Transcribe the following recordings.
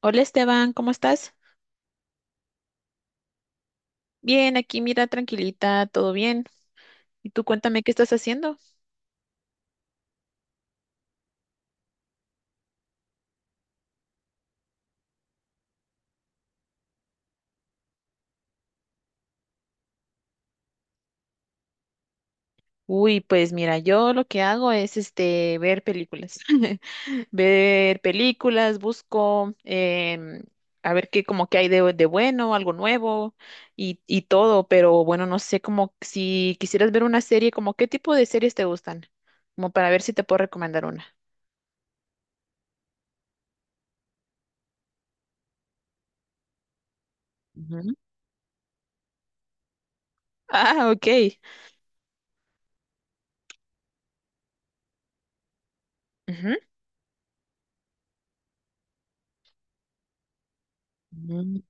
Hola Esteban, ¿cómo estás? Bien, aquí mira, tranquilita, todo bien. Y tú cuéntame qué estás haciendo. Uy, pues mira, yo lo que hago es este ver películas. Ver películas, busco a ver qué como que hay de bueno, algo nuevo y todo, pero bueno, no sé como si quisieras ver una serie, como qué tipo de series te gustan, como para ver si te puedo recomendar una. Ujú. Ah, ok. Ujú.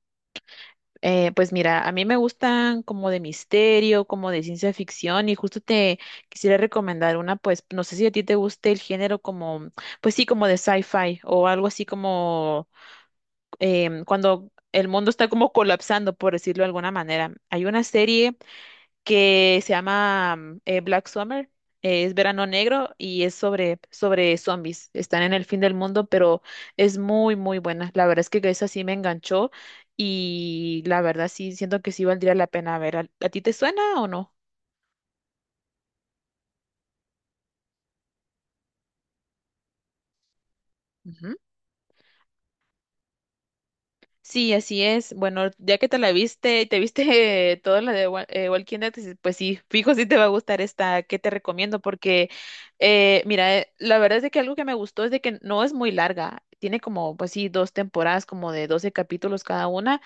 Pues mira, a mí me gustan como de misterio, como de ciencia ficción y justo te quisiera recomendar una, pues no sé si a ti te guste el género como, pues sí, como de sci-fi o algo así como cuando el mundo está como colapsando, por decirlo de alguna manera. Hay una serie que se llama Black Summer, es verano negro y es sobre zombies. Están en el fin del mundo, pero es muy, muy buena. La verdad es que esa sí me enganchó y la verdad sí siento que sí valdría la pena ver. A ti te suena o no? Sí, así es. Bueno, ya que te la viste, te viste toda la de Walking Dead, dices, pues sí, fijo si te va a gustar esta que te recomiendo porque, la verdad es de que algo que me gustó es de que no es muy larga. Tiene como, pues sí, 2 temporadas como de 12 capítulos cada una,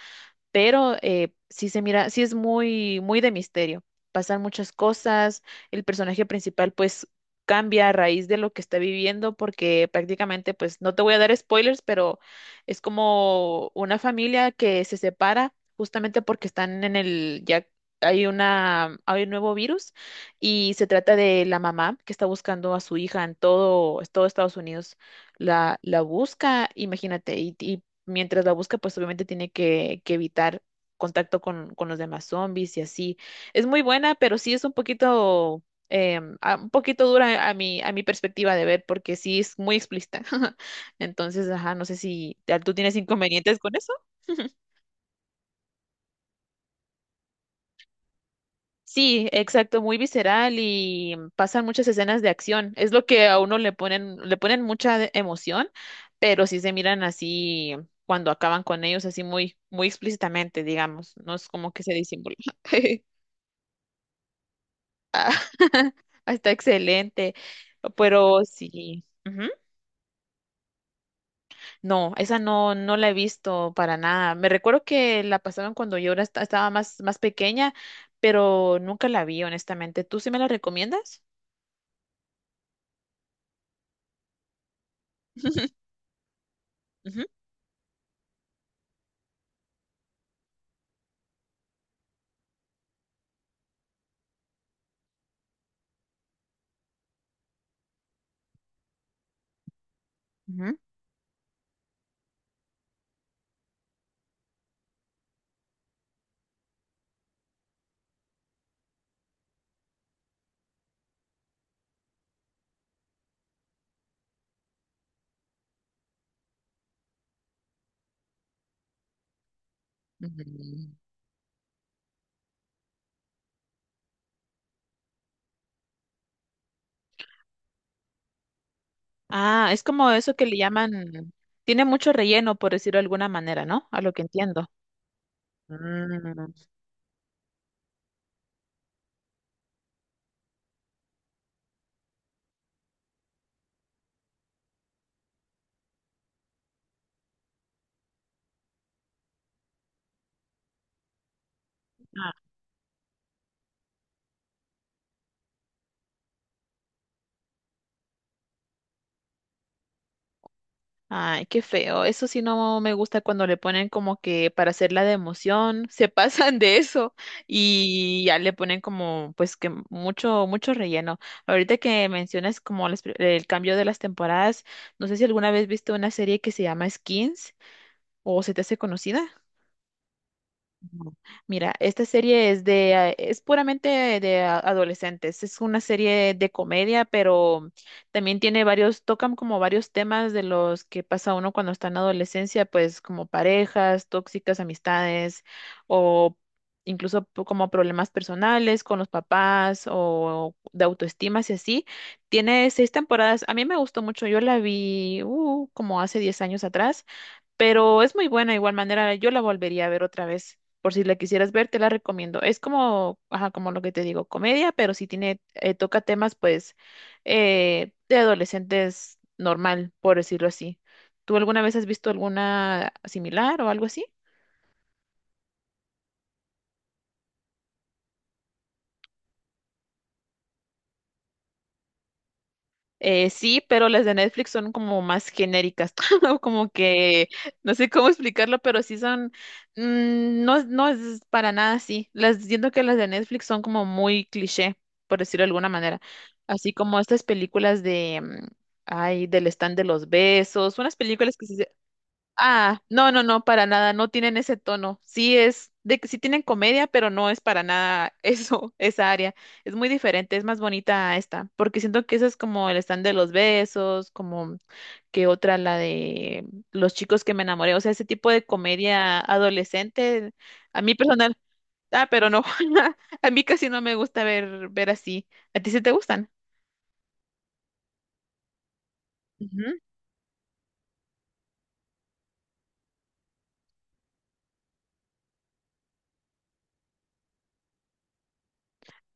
pero sí se mira, sí es muy, muy de misterio. Pasan muchas cosas, el personaje principal pues cambia a raíz de lo que está viviendo, porque prácticamente pues no te voy a dar spoilers, pero es como una familia que se separa justamente porque están en ya hay hay un nuevo virus y se trata de la mamá que está buscando a su hija en todo, es todo Estados Unidos. La busca, imagínate, y mientras la busca, pues obviamente tiene que evitar contacto con los demás zombies y así. Es muy buena, pero sí es un poquito, un poquito dura a a mi perspectiva de ver, porque sí es muy explícita. Entonces, ajá, no sé si ¿tú tienes inconvenientes con eso? Sí, exacto, muy visceral y pasan muchas escenas de acción. Es lo que a uno le ponen mucha emoción, pero sí se miran así cuando acaban con ellos, así muy, muy explícitamente, digamos. No es como que se disimula. Ah, está excelente, pero sí, ujú. No, esa no, no la he visto para nada. Me recuerdo que la pasaron cuando estaba más, más pequeña, pero nunca la vi, honestamente. ¿Tú sí me la recomiendas? Ujú. Ujú. Mm. Ah, es como eso que le llaman, tiene mucho relleno, por decirlo de alguna manera, ¿no? A lo que entiendo. Mm. Ah. Ay, qué feo. Eso sí no me gusta cuando le ponen como que para hacerla de emoción, se pasan de eso y ya le ponen como pues que mucho, mucho relleno. Ahorita que mencionas como las el cambio de las temporadas, no sé si alguna vez viste una serie que se llama Skins o se te hace conocida. No. Mira, esta serie es puramente de adolescentes. Es una serie de comedia, pero también tiene varios, tocan como varios temas de los que pasa uno cuando está en la adolescencia, pues como parejas, tóxicas, amistades, o incluso como problemas personales con los papás o de autoestima y así. Tiene 6 temporadas. A mí me gustó mucho. Yo la vi como hace 10 años atrás, pero es muy buena de igual manera, yo la volvería a ver otra vez. Por si la quisieras ver, te la recomiendo. Es como, ajá, como lo que te digo, comedia, pero sí tiene, toca temas, pues, de adolescentes normal, por decirlo así. ¿Tú alguna vez has visto alguna similar o algo así? Sí, pero las de Netflix son como más genéricas, ¿no? Como que no sé cómo explicarlo, pero sí son, no, no es para nada así. Las siento que las de Netflix son como muy cliché, por decirlo de alguna manera. Así como estas películas de, ay, del stand de los besos, unas películas que se Ah, no, no, no, para nada, no tienen ese tono. Sí es de que sí tienen comedia, pero no es para nada eso, esa área. Es muy diferente, es más bonita a esta, porque siento que esa es como el stand de los besos, como que otra la de los chicos que me enamoré, o sea, ese tipo de comedia adolescente, a mí personal, ah, pero no, a mí casi no me gusta ver así. ¿A ti sí te gustan?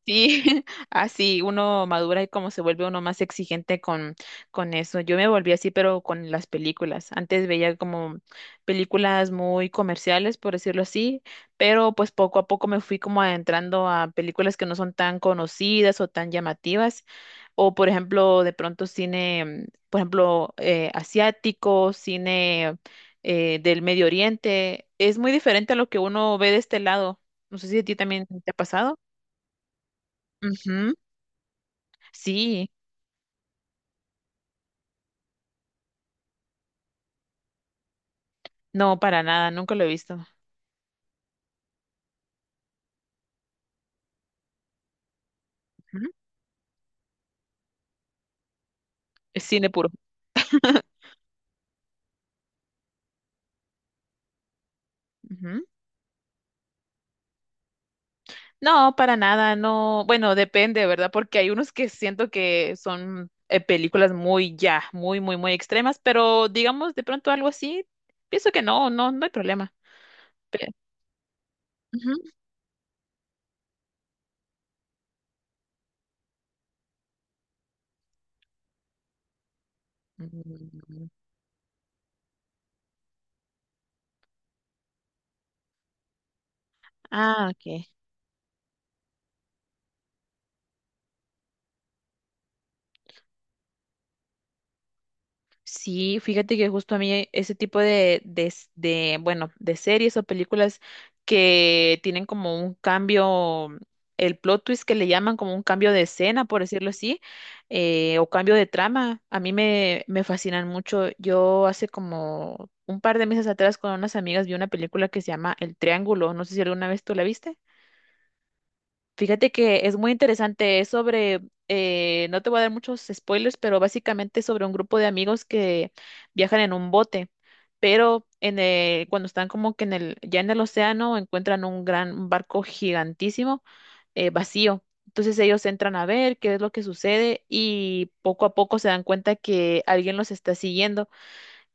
Sí, así uno madura y como se vuelve uno más exigente con eso. Yo me volví así, pero con las películas. Antes veía como películas muy comerciales, por decirlo así, pero pues poco a poco me fui como adentrando a películas que no son tan conocidas o tan llamativas, o por ejemplo, de pronto cine, por ejemplo, asiático, cine del Medio Oriente. Es muy diferente a lo que uno ve de este lado. No sé si a ti también te ha pasado. Sí, no, para nada, nunca lo he visto. Ujú. Es cine puro. Ujú. No, para nada, no. Bueno, depende, ¿verdad? Porque hay unos que siento que son películas muy ya, muy, muy, muy extremas, pero digamos de pronto algo así, pienso que no, no, no hay problema. Pe- Ujú. Mm. Ah, ok. Sí, fíjate que justo a mí ese tipo de, bueno, de series o películas que tienen como un cambio, el plot twist que le llaman como un cambio de escena, por decirlo así, o cambio de trama, a mí me fascinan mucho. Yo hace como un par de meses atrás con unas amigas vi una película que se llama El Triángulo, no sé si alguna vez tú la viste. Fíjate que es muy interesante, es sobre, no te voy a dar muchos spoilers, pero básicamente es sobre un grupo de amigos que viajan en un bote, pero en cuando están como que en ya en el océano encuentran un barco gigantísimo vacío. Entonces ellos entran a ver qué es lo que sucede y poco a poco se dan cuenta que alguien los está siguiendo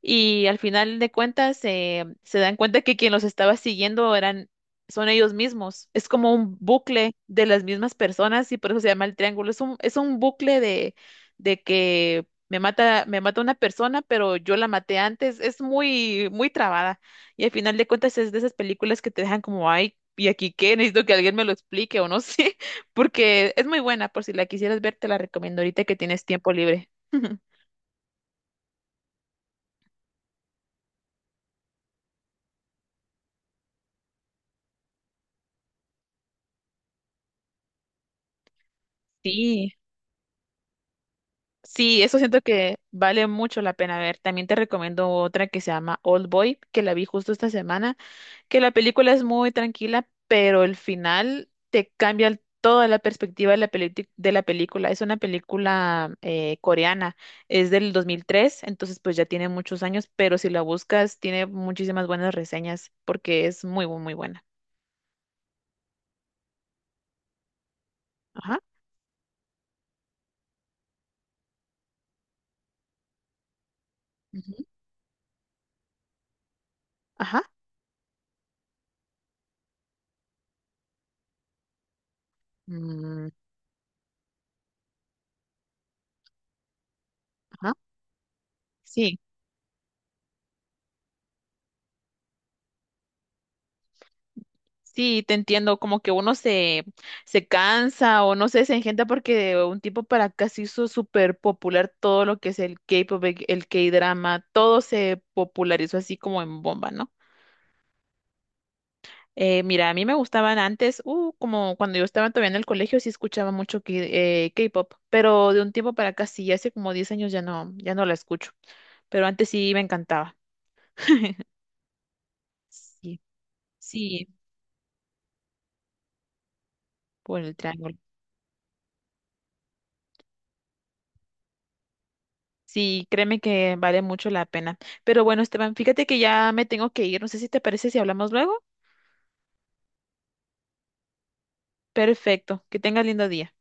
y al final de cuentas se dan cuenta que quien los estaba siguiendo son ellos mismos. Es como un bucle de las mismas personas y por eso se llama el triángulo. Es un bucle de que me mata una persona, pero yo la maté antes. Es muy, muy trabada. Y al final de cuentas es de esas películas que te dejan como, ay, ¿y aquí qué? Necesito que alguien me lo explique o no sé, porque es muy buena. Por si la quisieras ver, te la recomiendo ahorita que tienes tiempo libre. Sí. Sí, eso siento que vale mucho la pena ver. También te recomiendo otra que se llama Old Boy, que la vi justo esta semana, que la película es muy tranquila, pero el final te cambia toda la perspectiva de la de la película. Es una película coreana, es del 2003, entonces pues ya tiene muchos años, pero si la buscas tiene muchísimas buenas reseñas porque es muy, muy buena. Ajá. Ujú. Ajá. mm, ajá. Sí. Sí, te entiendo, como que uno se, se cansa o no sé, se engenta porque de un tiempo para acá se hizo súper popular todo lo que es el K-pop, el K-drama, todo se popularizó así como en bomba, ¿no? Mira, a mí me gustaban antes, como cuando yo estaba todavía en el colegio sí escuchaba mucho K-pop, pero de un tiempo para acá sí, hace como 10 años ya no, ya no la escucho, pero antes sí me encantaba. Sí, sí, por el triángulo. Sí, créeme que vale mucho la pena. Pero bueno, Esteban, fíjate que ya me tengo que ir. No sé si te parece si hablamos luego. Perfecto. Que tengas lindo día.